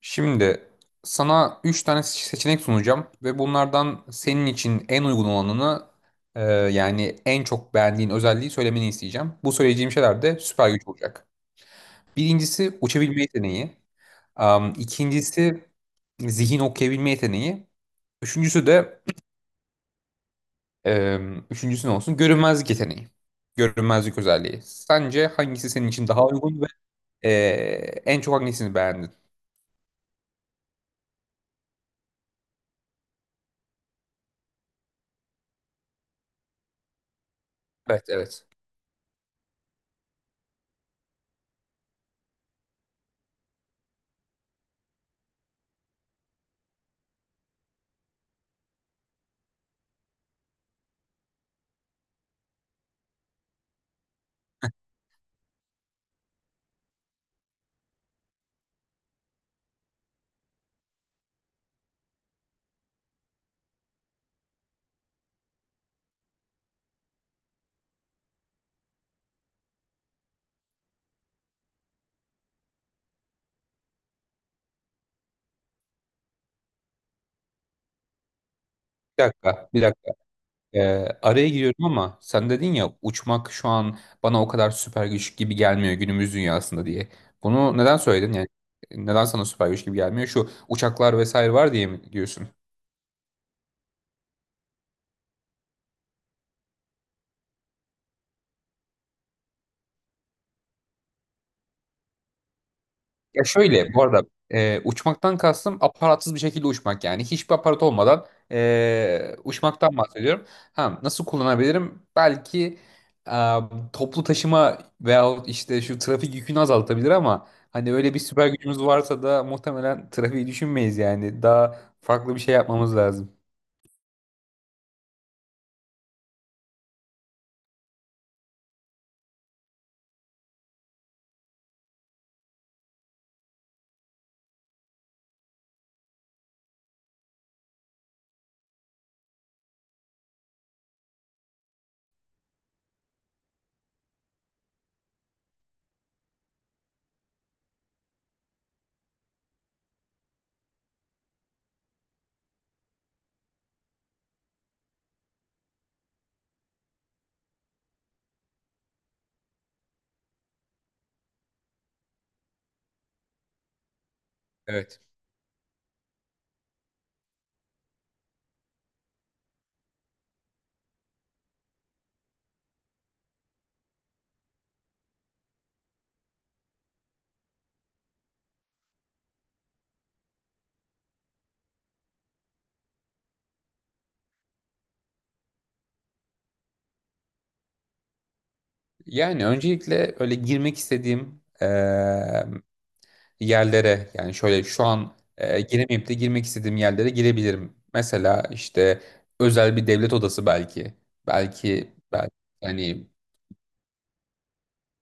Şimdi sana 3 tane seçenek sunacağım ve bunlardan senin için en uygun olanını yani en çok beğendiğin özelliği söylemeni isteyeceğim. Bu söyleyeceğim şeyler de süper güç olacak. Birincisi uçabilme yeteneği. İkincisi zihin okuyabilme yeteneği. Üçüncüsü de üçüncüsü ne olsun? Görünmezlik yeteneği. Görünmezlik özelliği. Sence hangisi senin için daha uygun ve e, en çok hangisini beğendin? Evet, evet. Bir dakika, bir dakika. Ee, Araya giriyorum ama sen dedin ya uçmak şu an bana o kadar süper güç gibi gelmiyor günümüz dünyasında diye. Bunu neden söyledin yani? Neden sana süper güç gibi gelmiyor? Şu uçaklar vesaire var diye mi diyorsun? Ya şöyle bu arada uçmaktan kastım aparatsız bir şekilde uçmak, yani hiçbir aparat olmadan uçmaktan bahsediyorum. Ha, nasıl kullanabilirim? Belki e, toplu taşıma veyahut işte şu trafik yükünü azaltabilir, ama hani öyle bir süper gücümüz varsa da muhtemelen trafiği düşünmeyiz, yani daha farklı bir şey yapmamız lazım. Evet. Yani öncelikle öyle girmek istediğim yerlere, yani şöyle şu an giremeyip de girmek istediğim yerlere girebilirim. Mesela işte özel bir devlet odası belki. Belki, belki, yani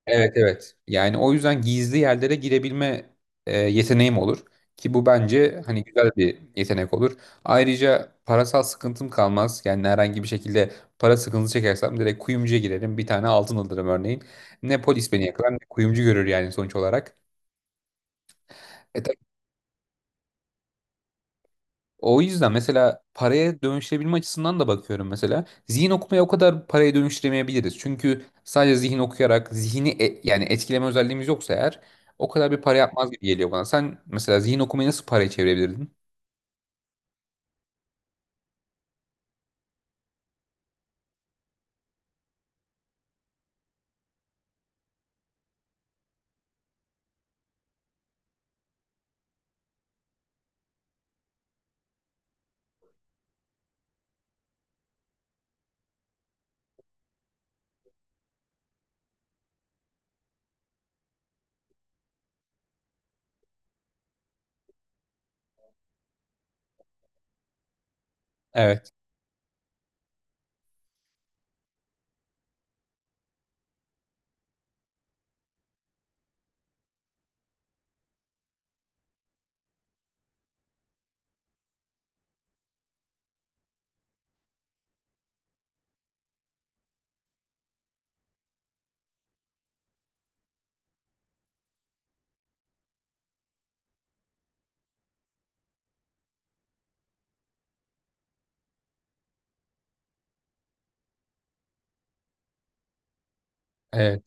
evet, evet. Yani o yüzden gizli yerlere girebilme yeteneğim olur ki bu bence hani güzel bir yetenek olur. Ayrıca parasal sıkıntım kalmaz. Yani herhangi bir şekilde para sıkıntısı çekersem direkt kuyumcuya girerim. Bir tane altın alırım örneğin. Ne polis beni yakalar ne kuyumcu görür, yani sonuç olarak. E O yüzden mesela paraya dönüştürebilme açısından da bakıyorum mesela. Zihin okumaya o kadar paraya dönüştüremeyebiliriz. Çünkü sadece zihin okuyarak zihni yani etkileme özelliğimiz yoksa eğer o kadar bir para yapmaz gibi geliyor bana. Sen mesela zihin okumayı nasıl paraya çevirebilirdin? Evet. Evet.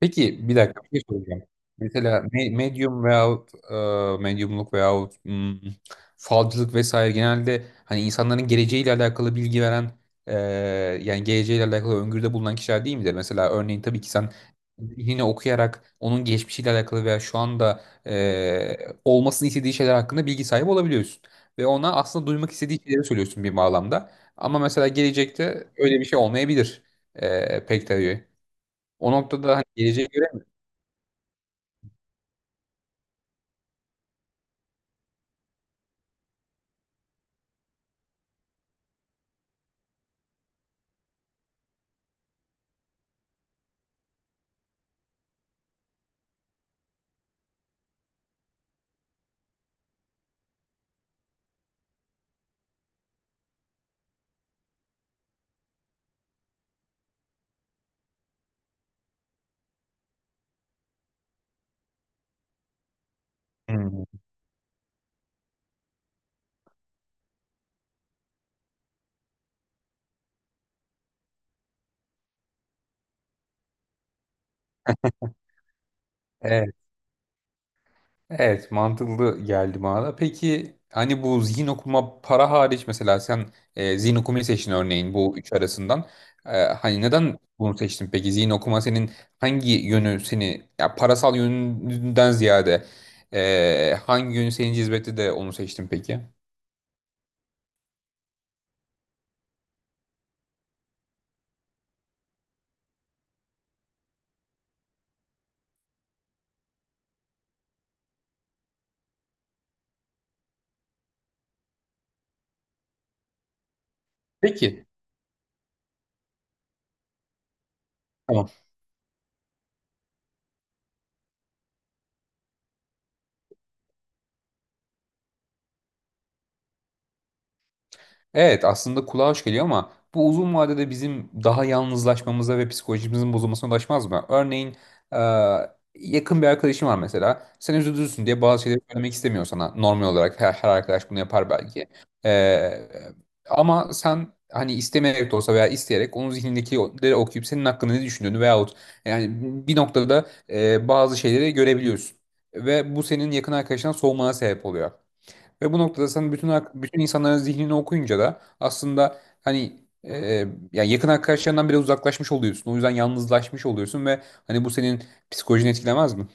Peki, bir dakika, bir şey soracağım. Mesela medium veyahut medyumluk veyahut falcılık vesaire, genelde hani insanların geleceğiyle alakalı bilgi veren, e, yani geleceğiyle alakalı öngörüde bulunan kişiler değil midir? Mesela örneğin tabii ki sen zihnini okuyarak onun geçmişiyle alakalı veya şu anda e, olmasını istediği şeyler hakkında bilgi sahibi olabiliyorsun. Ve ona aslında duymak istediği şeyleri söylüyorsun bir bağlamda. Ama mesela gelecekte öyle bir şey olmayabilir pek tabii. O noktada hani geleceğe göre. Hmm. Evet, evet mantıklı geldi bana da. Peki hani bu zihin okuma para hariç, mesela sen zihin okumayı seçtin örneğin bu üç arasından. E, hani neden bunu seçtin peki? Zihin okuma senin hangi yönü seni, ya parasal yönünden ziyade hangi yönü seni cezbetti de onu seçtin peki? Peki. Evet aslında kulağa hoş geliyor, ama bu uzun vadede bizim daha yalnızlaşmamıza ve psikolojimizin bozulmasına ulaşmaz mı? Örneğin e, yakın bir arkadaşım var mesela. Sen üzülürsün diye bazı şeyleri söylemek istemiyor sana. Normal olarak her arkadaş bunu yapar belki. E, ama sen hani istemeyerek de olsa veya isteyerek onun zihnindekileri okuyup senin hakkında ne düşündüğünü veyahut yani bir noktada bazı şeyleri görebiliyorsun. Ve bu senin yakın arkadaşından soğumana sebep oluyor. Ve bu noktada sen bütün bütün insanların zihnini okuyunca da aslında hani yani yakın arkadaşlarından bile uzaklaşmış oluyorsun. O yüzden yalnızlaşmış oluyorsun ve hani bu senin psikolojini etkilemez mi?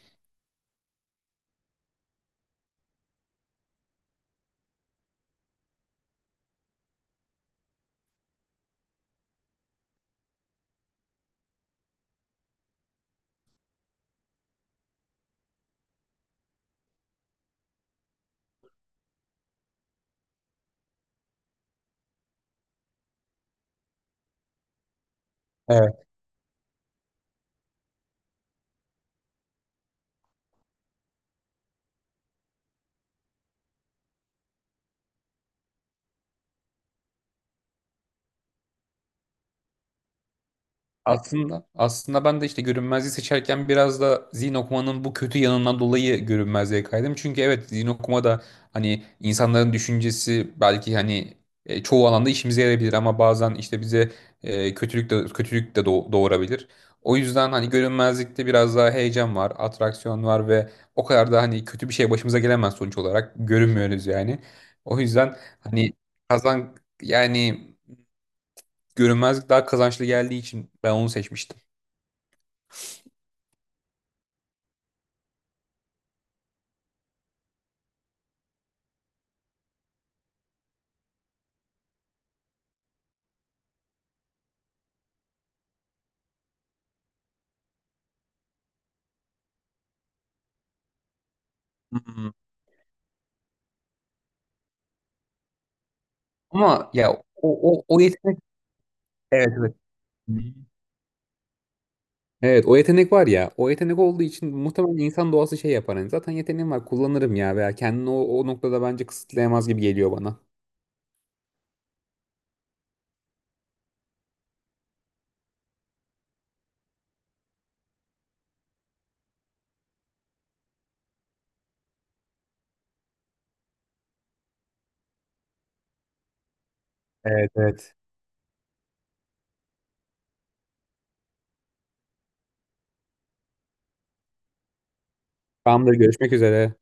Evet. Aslında ben de işte görünmezliği seçerken biraz da zihin okumanın bu kötü yanından dolayı görünmezliğe kaydım. Çünkü evet zihin okuma da hani insanların düşüncesi belki hani çoğu alanda işimize yarayabilir, ama bazen işte bize kötülük de doğurabilir. O yüzden hani görünmezlikte biraz daha heyecan var, atraksiyon var ve o kadar da hani kötü bir şey başımıza gelemez, sonuç olarak görünmüyoruz yani. O yüzden hani kazan, yani görünmezlik daha kazançlı geldiği için ben onu seçmiştim. Hmm. Ama ya o yetenek evet, evet. Hı. Evet o yetenek var ya. O yetenek olduğu için muhtemelen insan doğası şey yapar. Hani zaten yeteneğim var kullanırım ya, veya kendini o noktada bence kısıtlayamaz gibi geliyor bana. Evet, evet. Tamamdır, görüşmek üzere.